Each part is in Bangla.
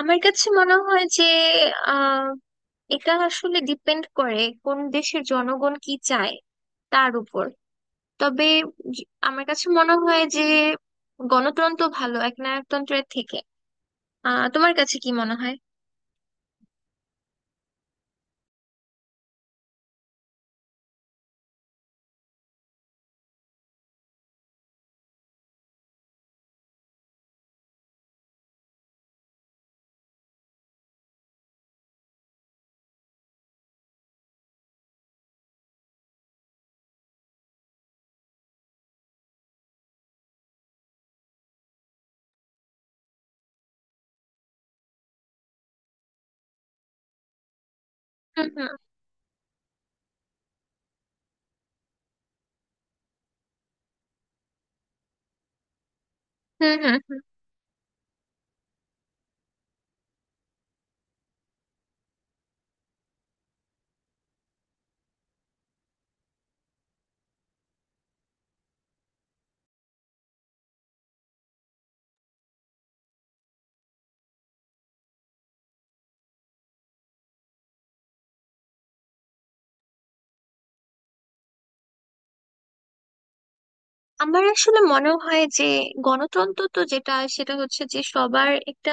আমার কাছে মনে হয় যে আহ এটা আসলে ডিপেন্ড করে কোন দেশের জনগণ কি চায় তার উপর। তবে আমার কাছে মনে হয় যে গণতন্ত্র ভালো একনায়কতন্ত্রের থেকে। তোমার কাছে কি মনে হয়? হুম হুম হুম হুম হুম। আমার আসলে মনে হয় যে গণতন্ত্র তো যেটা সেটা হচ্ছে যে সবার একটা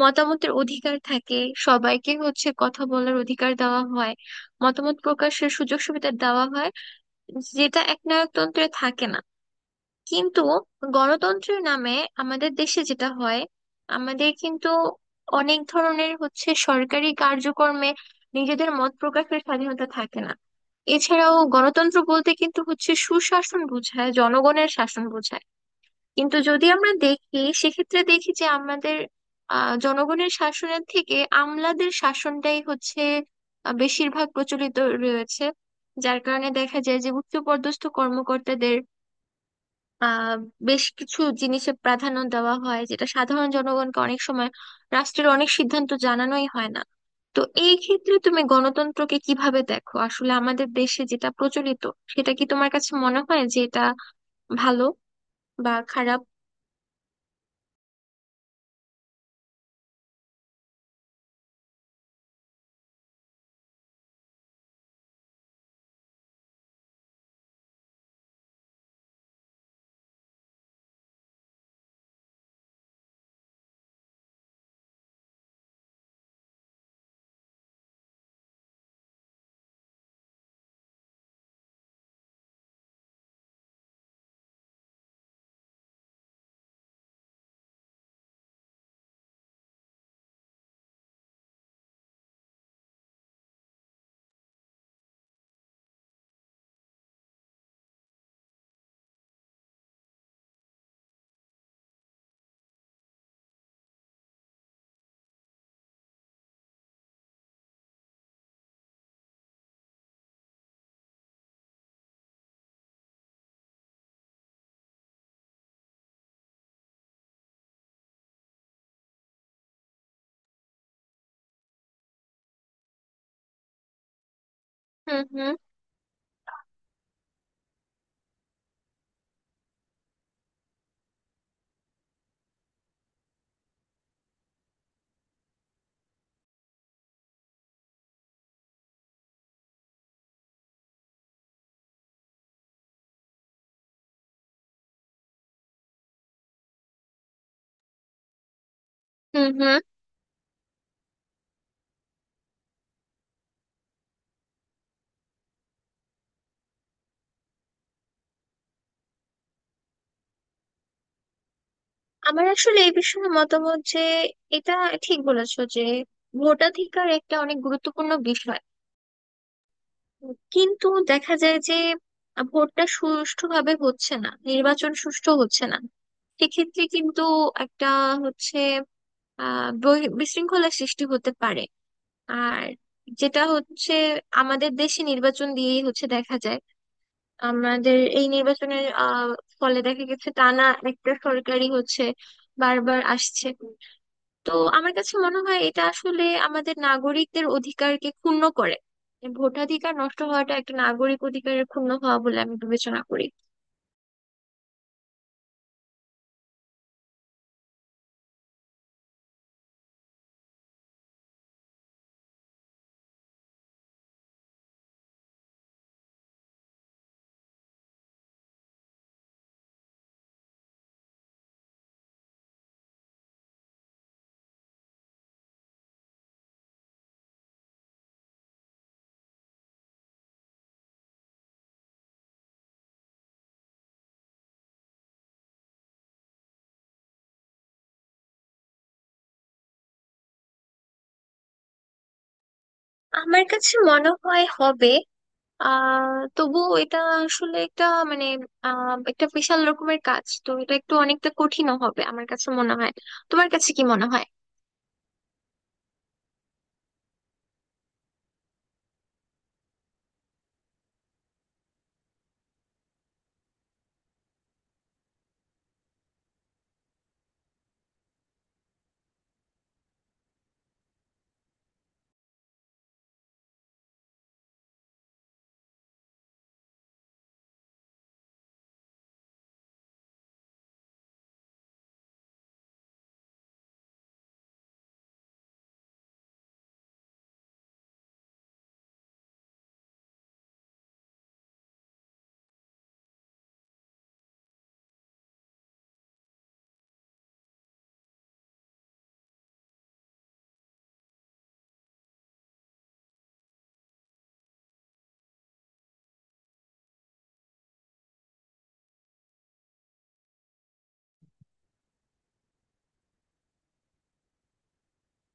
মতামতের অধিকার থাকে, সবাইকে হচ্ছে কথা বলার অধিকার দেওয়া হয়, মতামত প্রকাশের সুযোগ সুবিধা দেওয়া হয়, যেটা একনায়কতন্ত্রে থাকে না। কিন্তু গণতন্ত্রের নামে আমাদের দেশে যেটা হয়, আমাদের কিন্তু অনেক ধরনের হচ্ছে সরকারি কার্যক্রমে নিজেদের মত প্রকাশের স্বাধীনতা থাকে না। এছাড়াও গণতন্ত্র বলতে কিন্তু হচ্ছে সুশাসন বোঝায়, জনগণের শাসন বোঝায়। কিন্তু যদি আমরা দেখি সেক্ষেত্রে দেখি যে আমাদের জনগণের শাসনের থেকে আমলাদের শাসনটাই হচ্ছে বেশিরভাগ প্রচলিত রয়েছে। যার কারণে দেখা যায় যে উচ্চপদস্থ কর্মকর্তাদের আহ বেশ কিছু জিনিসে প্রাধান্য দেওয়া হয়, যেটা সাধারণ জনগণকে অনেক সময় রাষ্ট্রের অনেক সিদ্ধান্ত জানানোই হয় না। তো এই ক্ষেত্রে তুমি গণতন্ত্রকে কিভাবে দেখো আসলে? আমাদের দেশে যেটা প্রচলিত, সেটা কি তোমার কাছে মনে হয় যে এটা ভালো বা খারাপ? হুম হুম হুম হুম আমার আসলে এই বিষয়ে মতামত যে এটা ঠিক বলেছো যে ভোটাধিকার একটা অনেক গুরুত্বপূর্ণ বিষয়। কিন্তু দেখা যায় যে ভোটটা সুষ্ঠুভাবে হচ্ছে না, নির্বাচন সুষ্ঠু হচ্ছে না। সেক্ষেত্রে কিন্তু একটা হচ্ছে বিশৃঙ্খলা সৃষ্টি হতে পারে। আর যেটা হচ্ছে আমাদের দেশে নির্বাচন দিয়েই হচ্ছে দেখা যায় আমাদের এই নির্বাচনের ফলে দেখা গেছে টানা একটা সরকারি হচ্ছে বারবার আসছে। তো আমার কাছে মনে হয় এটা আসলে আমাদের নাগরিকদের অধিকারকে ক্ষুণ্ণ করে। ভোটাধিকার নষ্ট হওয়াটা একটা নাগরিক অধিকারের ক্ষুণ্ণ হওয়া বলে আমি বিবেচনা করি। আমার কাছে মনে হয় হবে। আহ তবুও এটা আসলে একটা মানে আহ একটা বিশাল রকমের কাজ, তো এটা একটু অনেকটা কঠিনও হবে আমার কাছে মনে হয়। তোমার কাছে কি মনে হয়?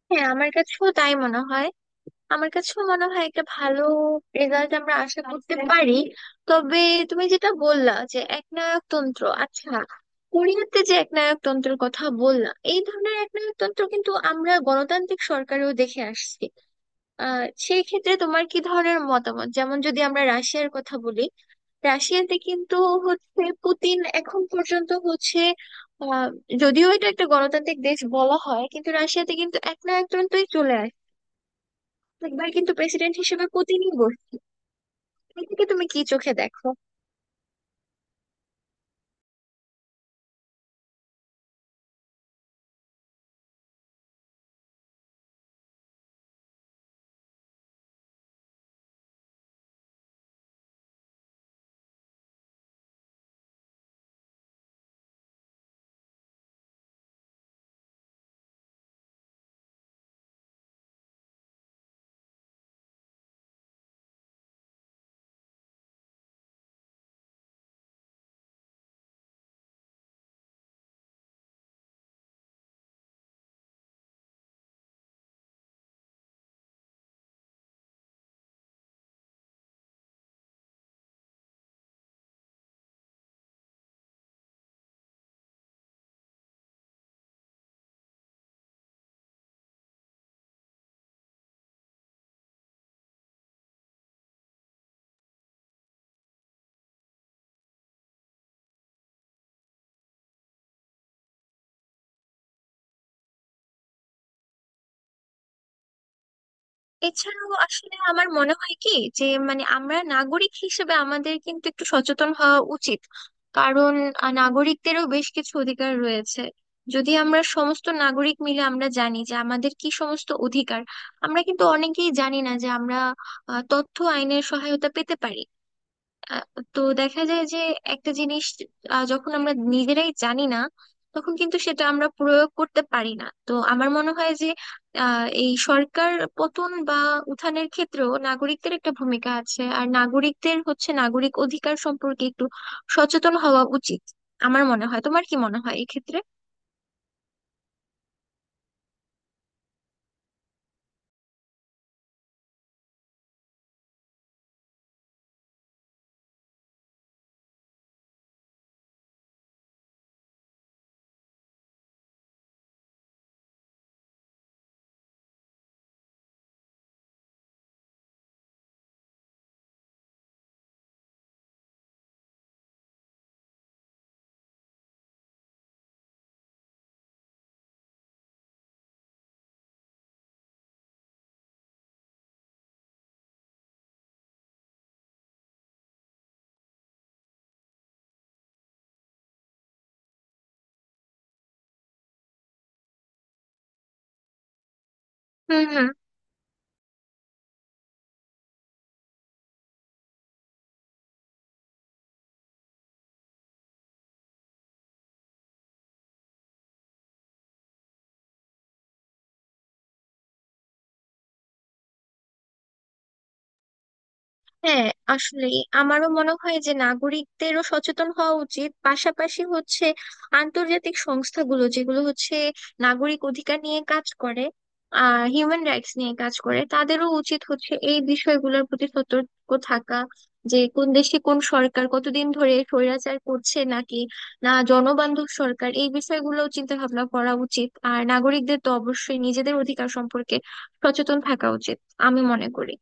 হ্যাঁ, আমার কাছেও তাই মনে হয়। আমার কাছেও মনে হয় একটা ভালো রেজাল্ট আমরা আশা করতে পারি। তবে তুমি যেটা বললা যে একনায়কতন্ত্র, আচ্ছা কোরিয়াতে যে একনায়কতন্ত্রের কথা বললা, এই ধরনের একনায়কতন্ত্র কিন্তু আমরা গণতান্ত্রিক সরকারেও দেখে আসছি। সেই ক্ষেত্রে তোমার কি ধরনের মতামত? যেমন যদি আমরা রাশিয়ার কথা বলি, রাশিয়াতে কিন্তু হচ্ছে পুতিন এখন পর্যন্ত হচ্ছে আহ যদিও এটা একটা গণতান্ত্রিক দেশ বলা হয়, কিন্তু রাশিয়াতে কিন্তু একনায়কতন্ত্রই চলে। একবার কিন্তু প্রেসিডেন্ট হিসেবে পুতিনই বসছে। এটাকে তুমি কি চোখে দেখো? এছাড়াও আসলে আমার মনে হয় কি যে মানে আমরা নাগরিক হিসেবে আমাদের কিন্তু একটু সচেতন হওয়া উচিত। কারণ নাগরিকদেরও বেশ কিছু অধিকার রয়েছে। যদি আমরা সমস্ত নাগরিক মিলে আমরা জানি যে আমাদের কি সমস্ত অধিকার, আমরা কিন্তু অনেকেই জানি না যে আমরা তথ্য আইনের সহায়তা পেতে পারি। আহ, তো দেখা যায় যে একটা জিনিস যখন আমরা নিজেরাই জানি না, তখন কিন্তু সেটা আমরা প্রয়োগ করতে পারি না। তো আমার মনে হয় যে এই সরকার পতন বা উত্থানের ক্ষেত্রেও নাগরিকদের একটা ভূমিকা আছে, আর নাগরিকদের হচ্ছে নাগরিক অধিকার সম্পর্কে একটু সচেতন হওয়া উচিত আমার মনে হয়। তোমার কি মনে হয় এক্ষেত্রে? হুম হুম। হ্যাঁ, আসলে আমারও মনে হয় যে নাগরিকদেরও সচেতন হওয়া উচিত, পাশাপাশি হচ্ছে আন্তর্জাতিক সংস্থাগুলো যেগুলো হচ্ছে নাগরিক অধিকার নিয়ে কাজ করে, হিউম্যান রাইটস নিয়ে কাজ করে, তাদেরও উচিত হচ্ছে এই বিষয়গুলোর প্রতি সতর্ক থাকা, যে কোন দেশে কোন সরকার কতদিন ধরে স্বৈরাচার করছে নাকি না জনবান্ধব সরকার, এই বিষয়গুলো চিন্তা ভাবনা করা উচিত। আর নাগরিকদের তো অবশ্যই নিজেদের অধিকার সম্পর্কে সচেতন থাকা উচিত আমি মনে করি।